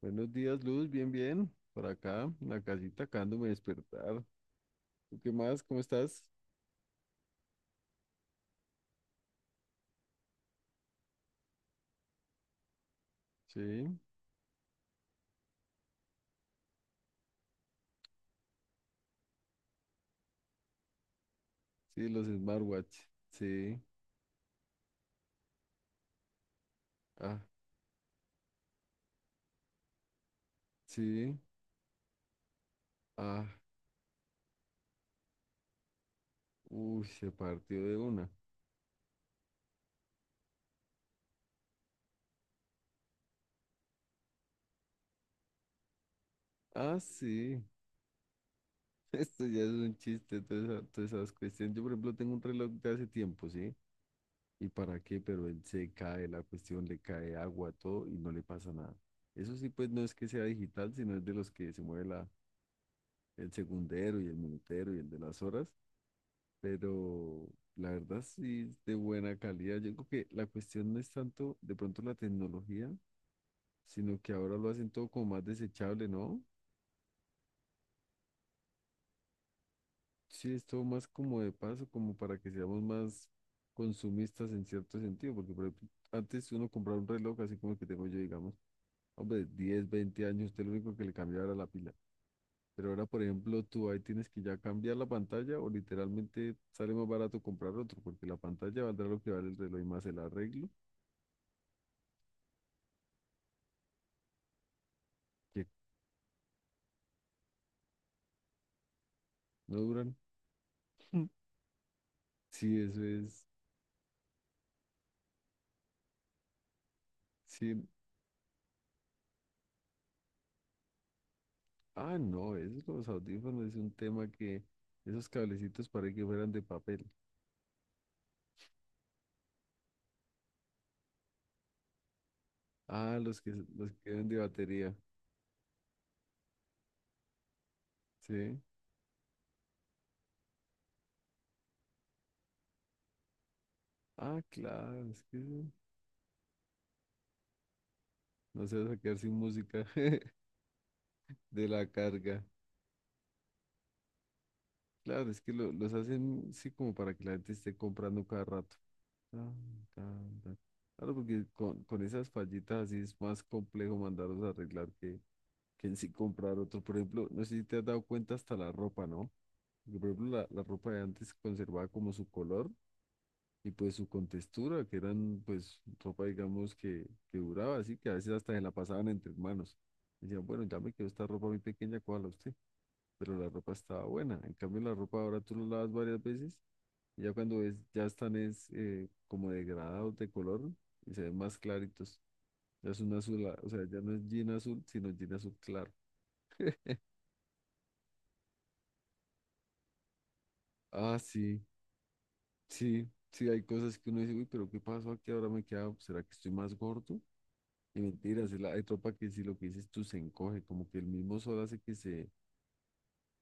Buenos días, Luz, bien, bien. Por acá, en la casita, acabándome de despertar. ¿Tú qué más? ¿Cómo estás? Sí, sí, los smartwatch. Sí, ah, sí, ah, uy, se partió de una. Ah, sí, esto ya es un chiste, todas esas cuestiones. Yo, por ejemplo, tengo un reloj de hace tiempo, ¿sí? ¿Y para qué? Pero él se cae, la cuestión le cae agua, todo, y no le pasa nada. Eso sí, pues no es que sea digital, sino es de los que se mueve la, el segundero y el minutero y el de las horas. Pero la verdad sí es de buena calidad. Yo creo que la cuestión no es tanto de pronto la tecnología, sino que ahora lo hacen todo como más desechable, ¿no? Sí, es todo más como de paso, como para que seamos más consumistas en cierto sentido, porque por ejemplo, antes uno compraba un reloj así como el que tengo yo, digamos, hombre, 10, 20 años, usted lo único que le cambiaba era la pila. Pero ahora, por ejemplo, tú ahí tienes que ya cambiar la pantalla o literalmente sale más barato comprar otro, porque la pantalla valdrá lo que vale el reloj y más el arreglo que no duran. Sí, eso es. Sí. Ah, no, esos los audífonos, es un tema que esos cablecitos para que fueran de papel. Ah, los que quedan de batería. Sí. Ah, claro, es que no se va a quedar sin música de la carga. Claro, es que los hacen sí como para que la gente esté comprando cada rato. Tan, tan, tan. Claro, porque con esas fallitas así es más complejo mandarlos a arreglar que en sí comprar otro. Por ejemplo, no sé si te has dado cuenta hasta la ropa, ¿no? Porque, por ejemplo, la ropa de antes conservaba como su color y pues su contextura, que eran pues ropa, digamos, que duraba, así que a veces hasta se la pasaban entre manos. Decían, bueno, ya me quedó esta ropa muy pequeña, cuál a usted, pero la ropa estaba buena. En cambio, la ropa ahora tú la lavas varias veces y ya cuando ves, ya están es como degradados de color y se ven más claritos. Ya es un azul, ah, o sea, ya no es jean azul, sino jean azul claro. Ah, sí. Sí, sí, hay cosas que uno dice, uy, pero ¿qué pasó aquí? Ahora me queda, ¿será que estoy más gordo? Y mentiras, hay tropa que si lo que dices tú se encoge, como que el mismo sol hace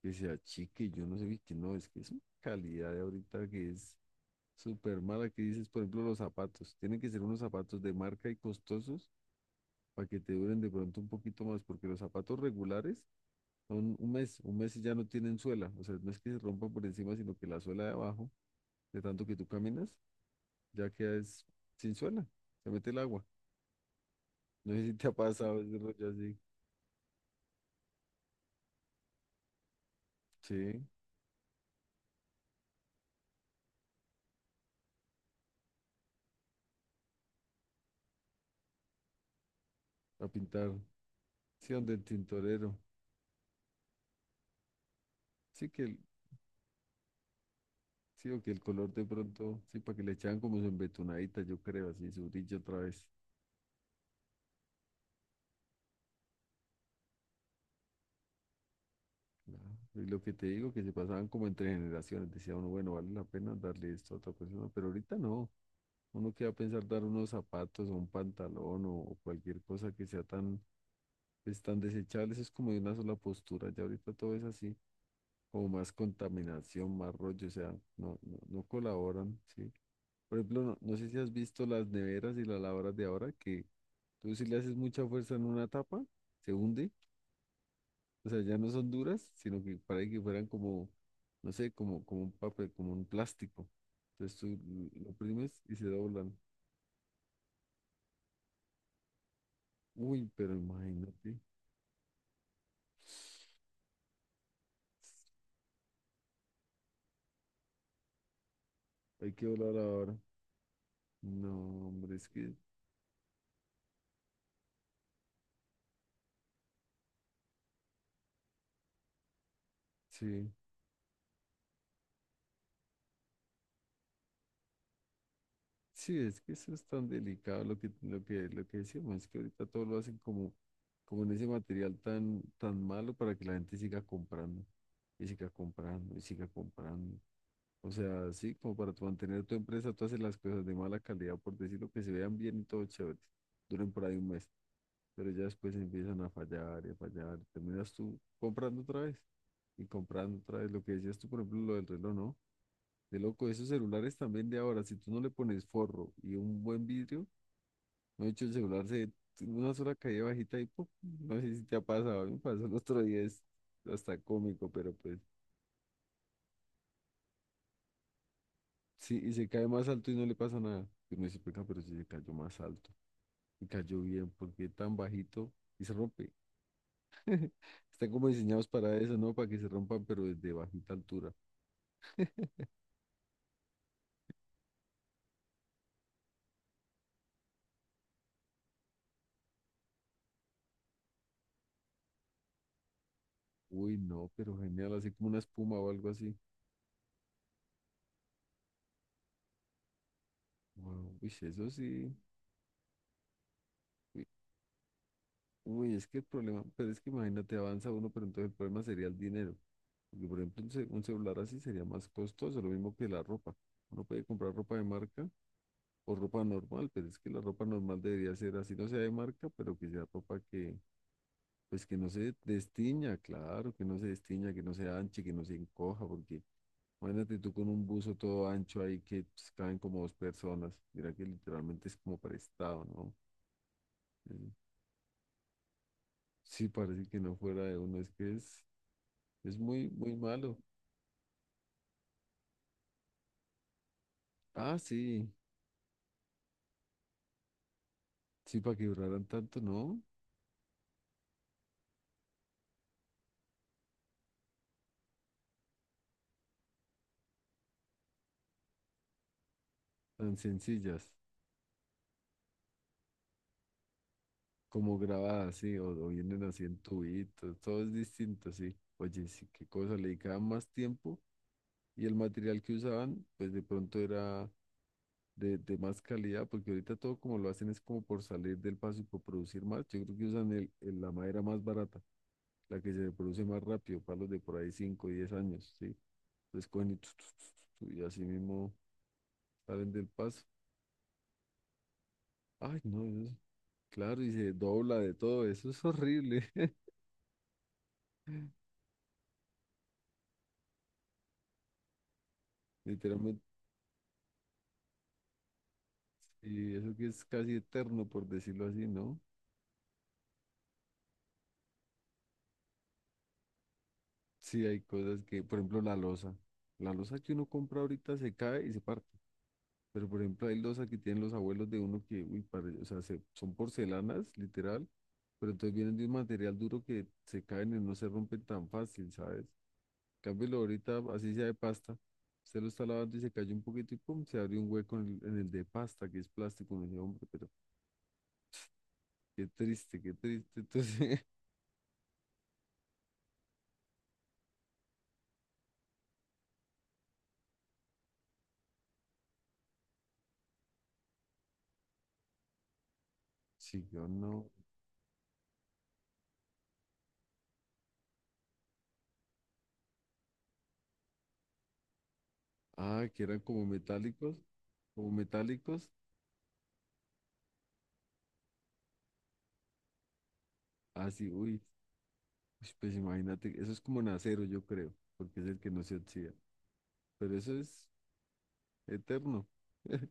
que se achique, yo no sé, vi que no, es que es una calidad de ahorita que es súper mala, que dices, por ejemplo, los zapatos, tienen que ser unos zapatos de marca y costosos para que te duren de pronto un poquito más, porque los zapatos regulares son un mes y ya no tienen suela, o sea, no es que se rompan por encima, sino que la suela de abajo, de tanto que tú caminas ya que es sin suela, se mete el agua. No sé si te ha pasado ese rollo así. Sí, a pintar, sí, donde el tintorero. Sí que el, sí, o que el color de pronto, sí, para que le echaban como su embetunadita, yo creo, así, su brillo otra vez. Claro. Y lo que te digo, que se pasaban como entre generaciones, decía uno, bueno, vale la pena darle esto a otra persona, pero ahorita no. Uno que va a pensar dar unos zapatos o un pantalón o cualquier cosa que sea tan, pues, tan desechable, eso es como de una sola postura, ya ahorita todo es así. Como más contaminación, más rollo, o sea, no, no, no colaboran, ¿sí? Por ejemplo, no, no sé si has visto las neveras y las lavadoras de ahora, que tú si le haces mucha fuerza en una tapa, se hunde, o sea, ya no son duras, sino que parece que fueran como, no sé, como, como un papel, como un plástico. Entonces tú lo oprimes y se doblan. Uy, pero imagínate, hay que doblar ahora. No, hombre, es que, sí. Sí, es que eso es tan delicado lo que, lo que, lo que decíamos, es que ahorita todo lo hacen como, como en ese material tan, tan malo para que la gente siga comprando, y siga comprando, y siga comprando. O sea, sí, como para tu mantener tu empresa, tú haces las cosas de mala calidad, por decirlo, que se vean bien y todo chévere, duren por ahí un mes, pero ya después empiezan a fallar, y terminas tú comprando otra vez, y comprando otra vez, lo que decías tú, por ejemplo, lo del reloj, ¿no? De loco, esos celulares también de ahora, si tú no le pones forro y un buen vidrio, no he hecho el celular se una sola caída bajita y ¡pum! No sé si te ha pasado, a mí me pasó el otro día, es hasta cómico, pero pues sí, y se cae más alto y no le pasa nada. Y uno dice, "Venga, pero si se cayó más alto y cayó bien, ¿porque tan bajito y se rompe?" Están como diseñados para eso, ¿no? Para que se rompan, pero desde bajita altura. Uy, no, pero genial, así como una espuma o algo así. Wow, uy, eso sí. Uy, es que el problema, pero es que imagínate, avanza uno, pero entonces el problema sería el dinero. Porque, por ejemplo, un celular así sería más costoso, lo mismo que la ropa. Uno puede comprar ropa de marca o ropa normal, pero es que la ropa normal debería ser así, no sea de marca, pero que sea ropa que, pues que no se destiña, claro, que no se destiña, que no se anche, que no se encoja, porque imagínate tú con un buzo todo ancho ahí que pues, caben como dos personas. Mira que literalmente es como prestado, ¿no? Eh, Sí, parece que no fuera de uno, es que es. Es muy, muy malo. Ah, sí. Sí, para que duraran tanto, ¿no? Tan sencillas. Como grabadas, sí. O vienen así en tubitos. Todo es distinto, sí. Oye, sí, qué cosa. Le dedicaban más tiempo. Y el material que usaban, pues de pronto era de más calidad. Porque ahorita todo como lo hacen es como por salir del paso y por producir más. Yo creo que usan el, la madera más barata. La que se produce más rápido. Palos de por ahí 5 o 10 años, sí. Entonces cogen y, y así mismo salen del paso. Ay, no, claro, y se dobla de todo, eso es horrible, literalmente, y eso que es casi eterno, por decirlo así, ¿no? Sí, hay cosas que, por ejemplo, la loza que uno compra ahorita se cae y se parte, pero por ejemplo, hay loza que tienen los abuelos de uno que, uy, o sea, son porcelanas, literal, pero entonces vienen de un material duro que se caen y no se rompen tan fácil, ¿sabes? Cámbialo ahorita, así sea de pasta. Usted lo está lavando y se cayó un poquito y pum, se abrió un hueco en el, de pasta, que es plástico. Me decía, hombre, pero qué triste, qué triste. Entonces, sí, yo no. Ah, que eran como metálicos, como metálicos. Así, uy, uy, pues imagínate, eso es como en acero, yo creo, porque es el que no se oxida. Pero eso es eterno.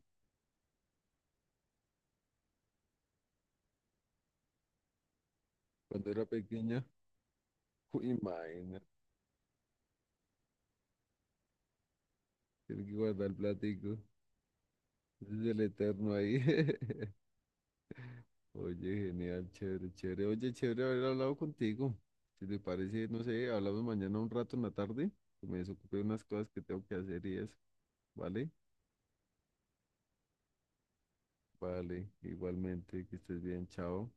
Cuando era pequeña, uy, imagínate, tiene que guardar el platico. Ese es el eterno ahí. Oye, genial, chévere, chévere. Oye, chévere haber hablado contigo. Si te parece, no sé, hablamos mañana un rato en la tarde. Que me desocupé de unas cosas que tengo que hacer y eso. ¿Vale? Vale, igualmente, que estés bien, chao.